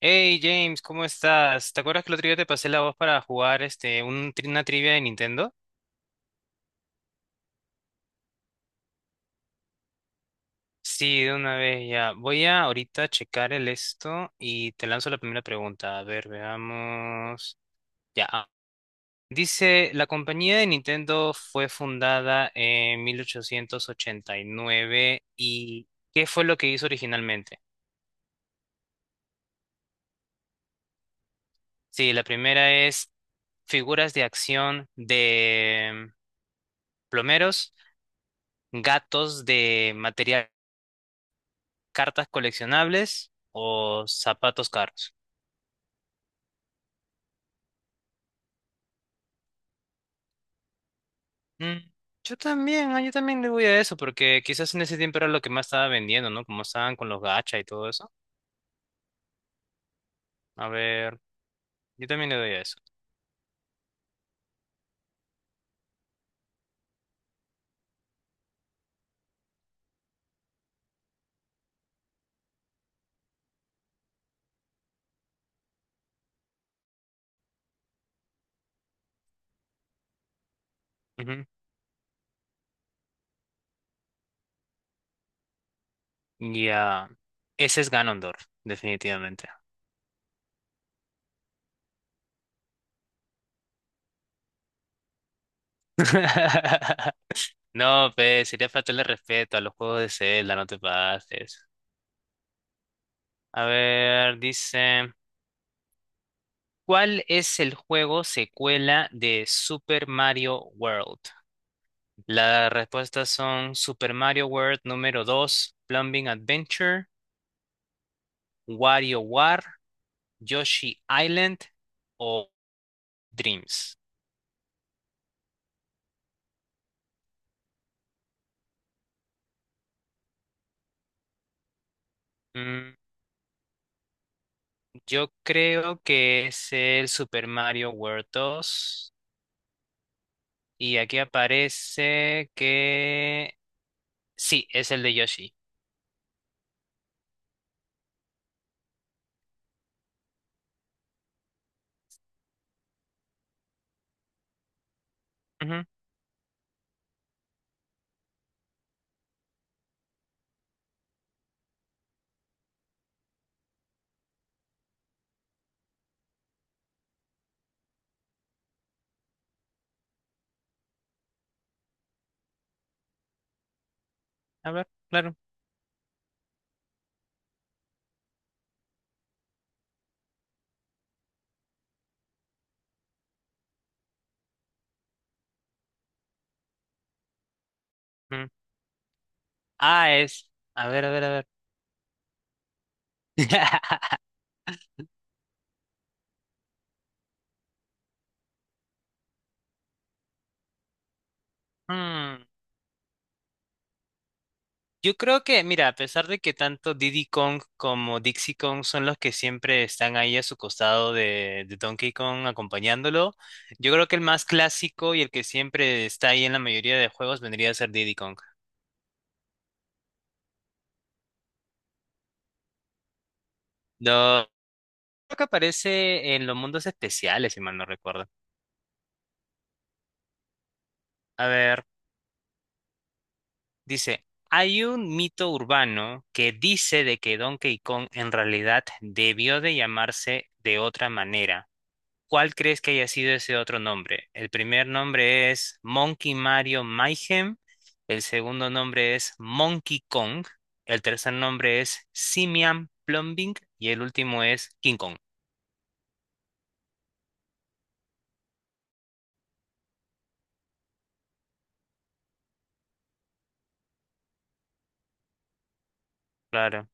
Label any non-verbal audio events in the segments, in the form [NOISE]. Hey James, ¿cómo estás? ¿Te acuerdas que el otro día te pasé la voz para jugar una trivia de Nintendo? Sí, de una vez ya. Voy a ahorita checar el esto y te lanzo la primera pregunta. A ver, veamos. Ya. Ah. Dice, la compañía de Nintendo fue fundada en 1889 y nueve y ¿qué fue lo que hizo originalmente? Sí, la primera es figuras de acción de plomeros, gatos de material, cartas coleccionables o zapatos caros. Mm, yo también le voy a eso, porque quizás en ese tiempo era lo que más estaba vendiendo, ¿no? Como estaban con los gacha y todo eso. A ver, yo también le doy a eso. Ujú. Ya, ese es Ganondorf, definitivamente. [LAUGHS] No, pues, sería faltarle respeto a los juegos de Zelda, no te pases. A ver, dice, ¿cuál es el juego secuela de Super Mario World? Las respuestas son Super Mario World número 2, Plumbing Adventure, WarioWare, Yoshi Island o Dreams. Mm, yo creo que es el Super Mario World 2 y aquí aparece que sí, es el de Yoshi. Ujú. A ver, claro. Mm. Ah, es. A ver, a ver, a ver. [LAUGHS] Mm, Yo creo que, mira, a pesar de que tanto Diddy Kong como Dixie Kong son los que siempre están ahí a su costado de Donkey Kong acompañándolo, yo creo que el más clásico y el que siempre está ahí en la mayoría de juegos vendría a ser Diddy Kong. Lo, Creo que aparece en los mundos especiales, si mal no recuerdo. A ver, dice, hay un mito urbano que dice de que Donkey Kong en realidad debió de llamarse de otra manera. ¿Cuál crees que haya sido ese otro nombre? El primer nombre es Monkey Mario Mayhem, el segundo nombre es Monkey Kong, el tercer nombre es Simian Plumbing y el último es King Kong. Claro.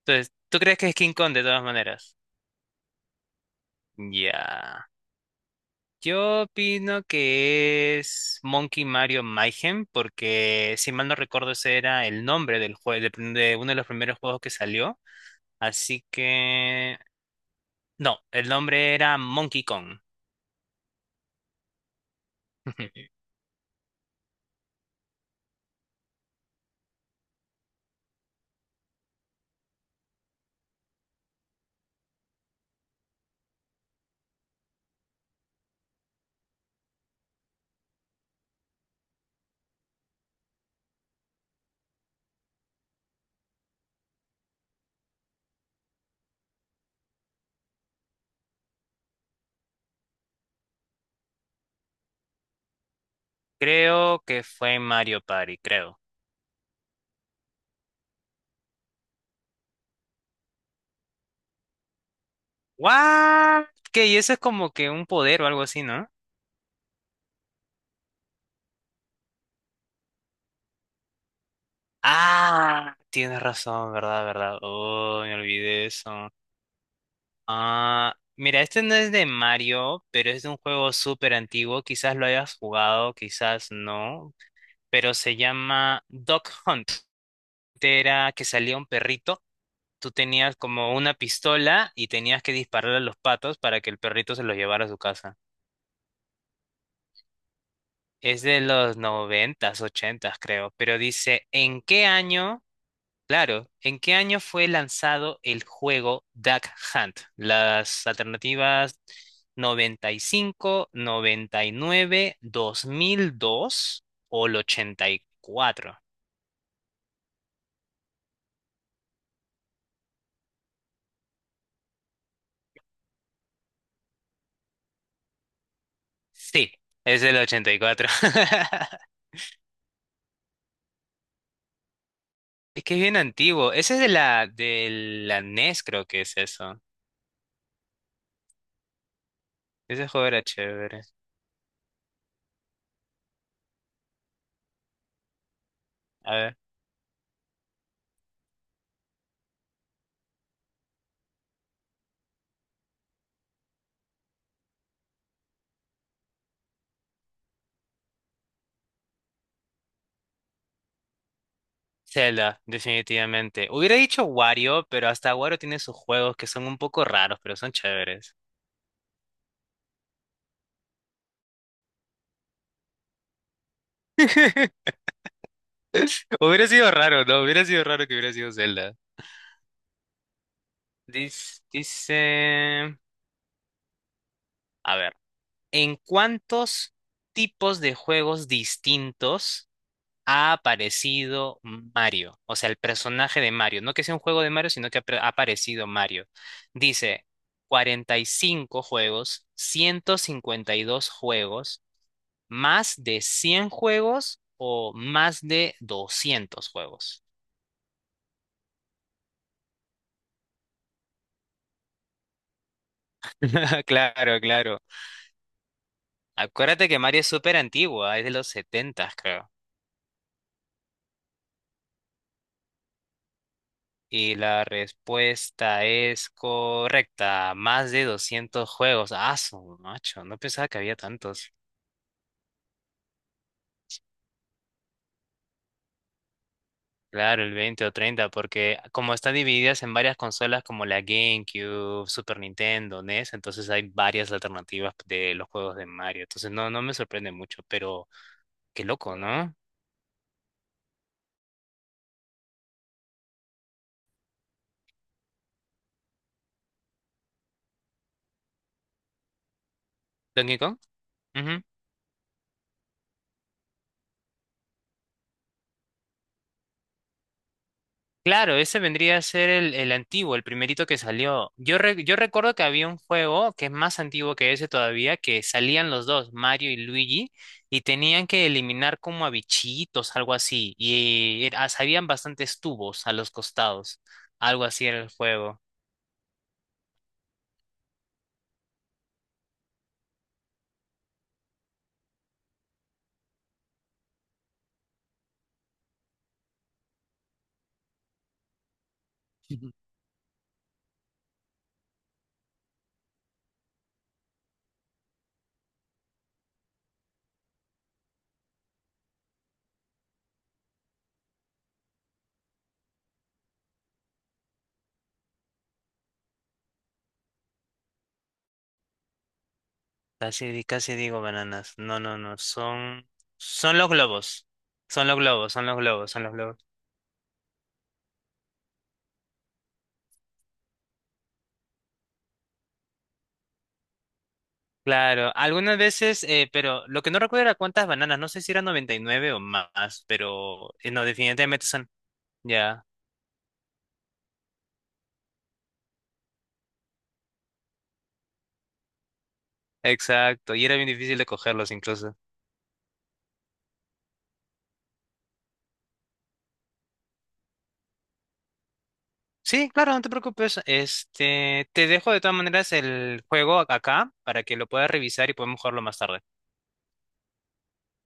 Entonces, ¿tú crees que es King Kong de todas maneras? Ya. Yo opino que es Monkey Mario Mayhem porque, si mal no recuerdo, ese era el nombre del juego, de uno de los primeros juegos que salió. Así que no, el nombre era Monkey Kong. [LAUGHS] Creo que fue en Mario Party, creo. ¿What? ¿Qué? Y eso es como que un poder o algo así, ¿no? Ah, tienes razón, verdad, verdad. Oh, me olvidé eso. Ah, mira, este no es de Mario, pero es de un juego súper antiguo. Quizás lo hayas jugado, quizás no. Pero se llama Dog Hunt. Era que salía un perrito. Tú tenías como una pistola y tenías que disparar a los patos para que el perrito se los llevara a su casa. Es de los noventas, ochentas, creo. Pero dice, ¿en qué año? Claro, ¿en qué año fue lanzado el juego Duck Hunt? Las alternativas, noventa y cinco, 99, 2002 o el 84. Sí, es el 84. [LAUGHS] Es que es bien antiguo. Ese es de la NES, creo que es eso. Ese juego era chévere. A ver. Zelda, definitivamente. Hubiera dicho Wario, pero hasta Wario tiene sus juegos que son un poco raros, pero son chéveres. [LAUGHS] Hubiera sido raro, ¿no? Hubiera sido raro que hubiera sido Zelda. Dice, a ver, ¿en cuántos tipos de juegos distintos ha aparecido Mario, o sea, el personaje de Mario, no que sea un juego de Mario, sino que ha aparecido Mario? Dice 45 juegos, 152 juegos, más de 100 juegos o más de 200 juegos. [LAUGHS] Claro, claro. Acuérdate que Mario es súper antigua, es de los 70, creo. Y la respuesta es correcta, más de 200 juegos. Ah, su macho, no pensaba que había tantos. Claro, el 20 o 30, porque como están divididas en varias consolas como la GameCube, Super Nintendo, NES, entonces hay varias alternativas de los juegos de Mario. Entonces no, no me sorprende mucho, pero qué loco, ¿no? Donkey Kong. Claro, ese vendría a ser el antiguo, el primerito que salió. Yo recuerdo que había un juego que es más antiguo que ese todavía, que salían los dos, Mario y Luigi, y tenían que eliminar como a bichitos, algo así, y habían bastantes tubos a los costados, algo así era el juego. Casi digo bananas. No, no, no, son los globos, son los globos, son los globos, son los globos. Claro, algunas veces, pero lo que no recuerdo era cuántas bananas, no sé si eran 99 o más, pero no, definitivamente son. Ya, exacto, y era bien difícil de cogerlos incluso. Sí, claro, no te preocupes, te dejo de todas maneras el juego acá para que lo puedas revisar y podemos jugarlo más tarde.